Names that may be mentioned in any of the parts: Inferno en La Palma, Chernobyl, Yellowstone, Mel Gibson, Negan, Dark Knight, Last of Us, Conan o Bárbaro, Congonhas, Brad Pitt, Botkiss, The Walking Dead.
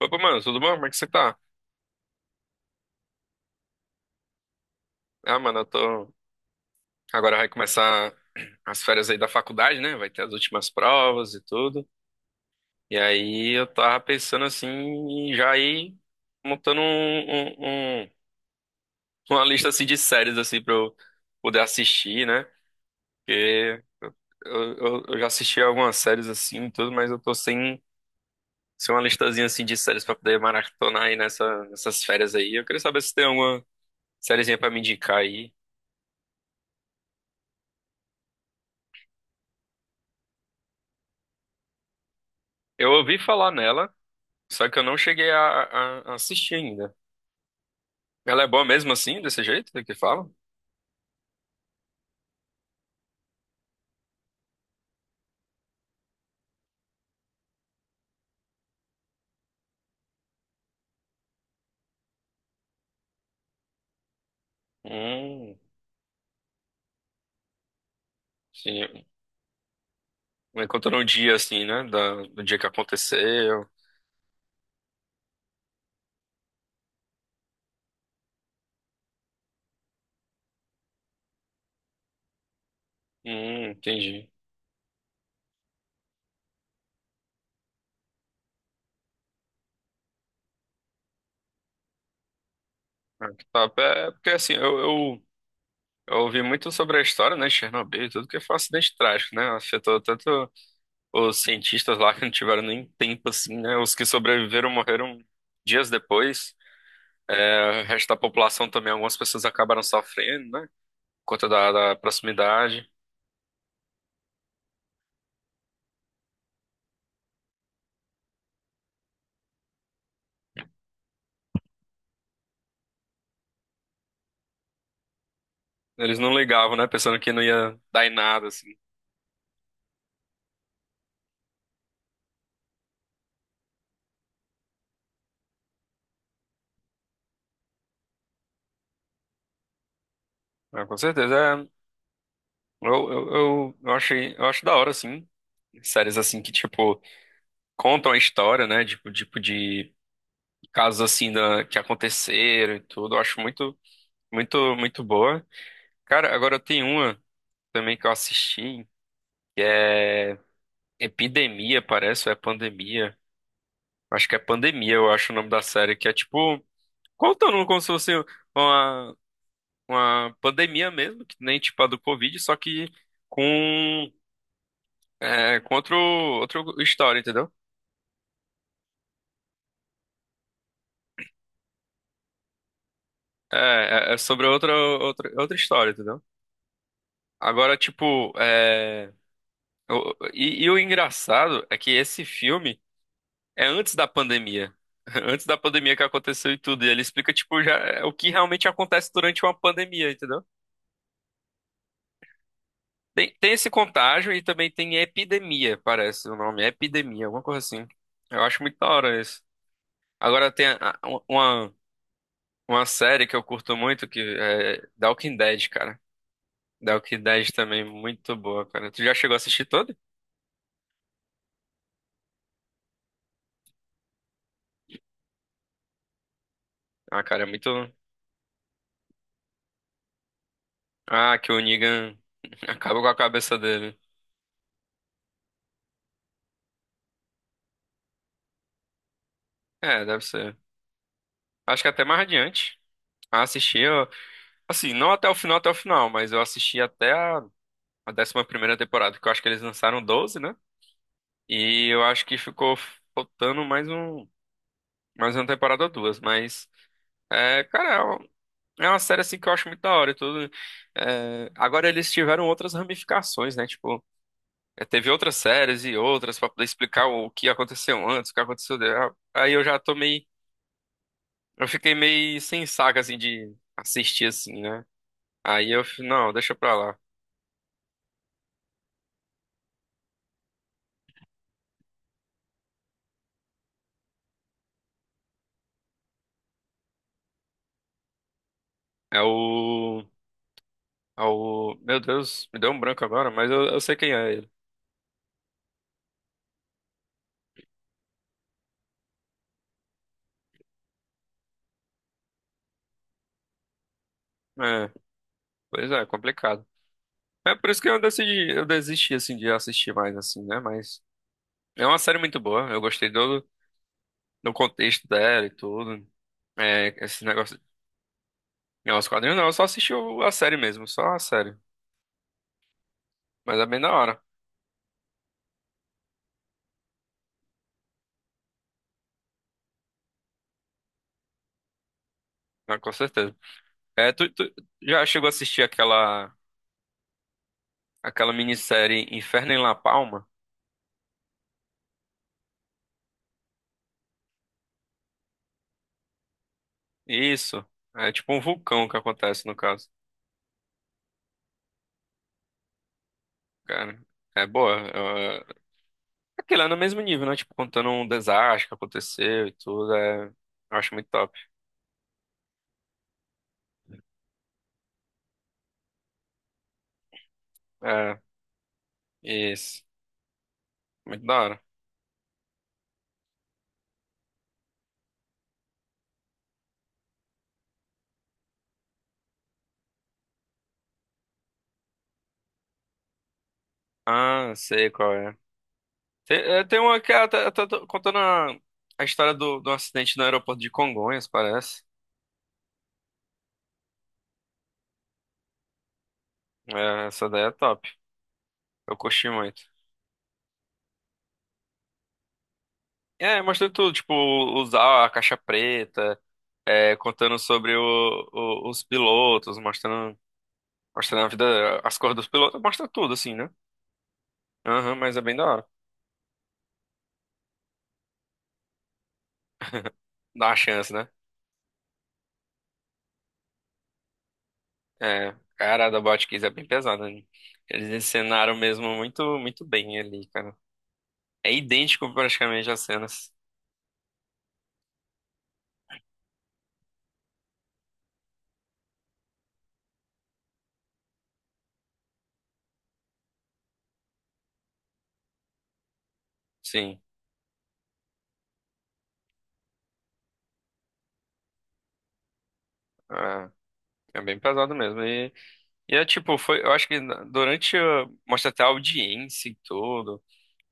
Opa, mano, tudo bom? Como é que você tá? Ah, mano, eu tô. Agora vai começar as férias aí da faculdade, né? Vai ter as últimas provas e tudo. E aí eu tava pensando assim, em já ir montando uma lista assim de séries assim pra eu poder assistir, né? Porque eu já assisti algumas séries assim e tudo, mas eu tô sem uma listazinha assim de séries pra poder maratonar aí nessas férias aí. Eu queria saber se tem alguma sériezinha pra me indicar aí. Eu ouvi falar nela. Só que eu não cheguei a assistir ainda. Ela é boa mesmo assim, desse jeito que fala? Hum, sim. Vai contando o dia assim, né? Do dia que aconteceu. Entendi. Ah, que top. É, é porque assim, eu ouvi muito sobre a história, né, de Chernobyl, e tudo que foi um acidente trágico, né? Afetou tanto os cientistas lá que não tiveram nem tempo, assim, né? Os que sobreviveram morreram dias depois. É, o resto da população também, algumas pessoas acabaram sofrendo, né? Por conta da proximidade. Eles não ligavam, né? Pensando que não ia dar em nada, assim. Ah, com certeza. É, eu acho da hora, assim. Séries assim que, tipo, contam a história, né? Tipo, tipo de casos assim que aconteceram e tudo. Eu acho muito, muito, muito boa. Cara, agora tem uma também que eu assisti. Epidemia, parece, ou é pandemia? Acho que é pandemia, eu acho o nome da série, que é tipo, contando como se fosse uma, uma pandemia mesmo, que nem tipo a do Covid, só que com é outra história, entendeu? É, é sobre outra história, entendeu? Agora, tipo, é, o engraçado é que esse filme é antes da pandemia. Antes da pandemia que aconteceu e tudo. E ele explica, tipo, já é o que realmente acontece durante uma pandemia, entendeu? Tem esse contágio e também tem epidemia, parece o nome. Epidemia, alguma coisa assim. Eu acho muito da hora isso. Agora tem uma série que eu curto muito, que é The Walking Dead, cara. Dark Knight também, muito boa, cara. Tu já chegou a assistir todo? Ah, cara, é muito. Ah, que o Negan acaba com a cabeça dele. É, deve ser. Acho que até mais adiante. Ah, assisti, eu... assim, não até o final, até o final, mas eu assisti até a 11ª temporada, que eu acho que eles lançaram 12, né? E eu acho que ficou faltando mais uma temporada ou duas, mas, é, cara, é uma série, assim, que eu acho muito da hora e tudo. É, agora eles tiveram outras ramificações, né? Tipo, é, teve outras séries e outras pra poder explicar o que aconteceu antes, o que aconteceu. Aí eu já tomei. Eu fiquei meio sem saco, assim, de assistir, assim, né? Aí não, deixa pra lá. É o. É o. Meu Deus, me deu um branco agora, mas eu sei quem é ele. É, pois é, complicado. É por isso que eu decidi. Eu desisti, assim, de assistir mais, assim, né? Mas. É uma série muito boa. Eu gostei do contexto dela e tudo. É, esse negócio. Não, os quadrinhos não, eu só assisti a série mesmo, só a série. Mas é bem da hora, né, com certeza. É, tu já chegou a assistir aquela minissérie Inferno em La Palma? Isso. É tipo um vulcão que acontece, no caso. Cara, é boa. Aquilo é no mesmo nível, né? Tipo, contando um desastre que aconteceu e tudo. É, eu acho muito top. É, isso. Muito da hora. Ah, sei qual é. Tem, é, tem uma que é, tá contando a história do acidente no aeroporto de Congonhas, parece. É, essa daí é top. Eu curti muito. É, mostrando tudo, tipo, usar a caixa preta, é, contando sobre os pilotos, mostrando, mostrando a vida, as cores dos pilotos, mostra tudo, assim, né? Aham, mas é bem da hora. Dá uma chance, né? É, cara, a da Botkiss é bem pesada, né? Eles encenaram mesmo muito, muito bem ali, cara. É idêntico praticamente às cenas. Sim, é, é bem pesado mesmo. É tipo, foi, eu acho que durante, mostra até a audiência e tudo.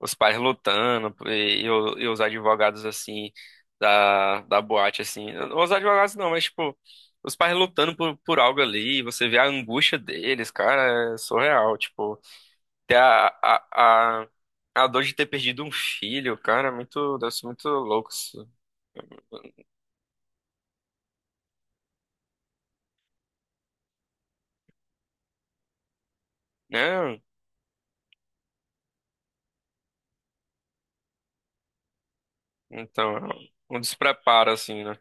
Os pais lutando e os advogados assim da boate assim, os advogados não, mas tipo, os pais lutando por algo ali, você vê a angústia deles, cara, é surreal, tipo, ter a dor de ter perdido um filho, cara, é muito, deve ser muito louco isso, né? Então, é um despreparo assim, né?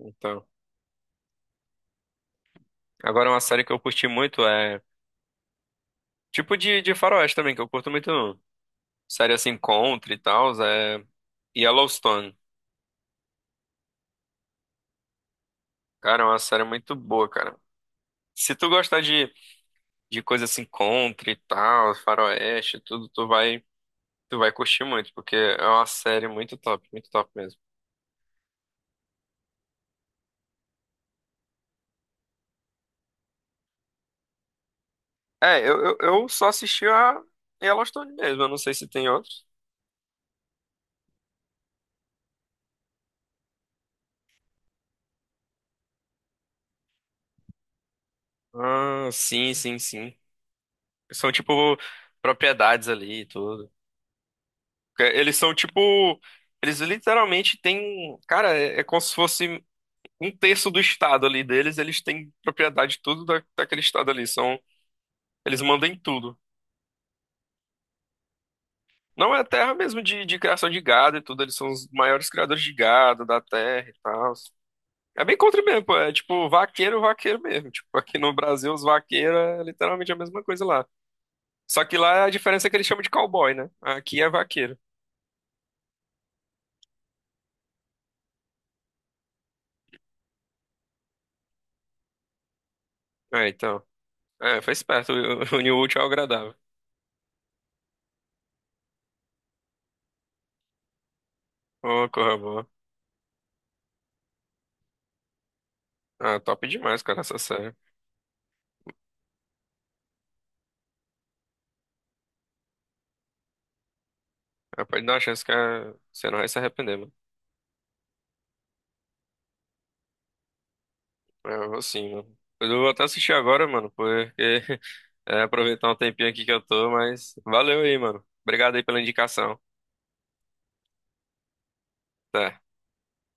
Então, agora uma série que eu curti muito é tipo de faroeste também, que eu curto muito série assim, Contra e tal, é Yellowstone. Cara, é uma série muito boa, cara. Se tu gostar de coisa assim, country e tal, faroeste, e tudo, tu vai curtir muito, porque é uma série muito top mesmo. É, eu só assisti a Yellowstone mesmo, eu não sei se tem outros. Ah, sim, sim, sim. São tipo propriedades ali e tudo. Eles são tipo. Eles literalmente têm. Cara, é, é como se fosse um terço do estado ali deles, eles têm propriedade de tudo daquele estado ali. São, eles mandam em tudo. Não é terra mesmo de criação de gado e tudo, eles são os maiores criadores de gado da terra e tal. É bem contra mesmo, pô. É tipo vaqueiro, vaqueiro mesmo. Tipo, aqui no Brasil, os vaqueiros é literalmente a mesma coisa lá. Só que lá é a diferença é que eles chamam de cowboy, né? Aqui é vaqueiro. É, então. É, foi esperto. Uniu o útil ao agradável. Ô, corra boa. Ah, top demais, cara, essa série. É, pode dar uma chance que é, você não vai se arrepender, mano. É, eu vou sim, mano. Eu vou até assistir agora, mano, porque é, aproveitar um tempinho aqui que eu tô, mas valeu aí, mano. Obrigado aí pela indicação. Até.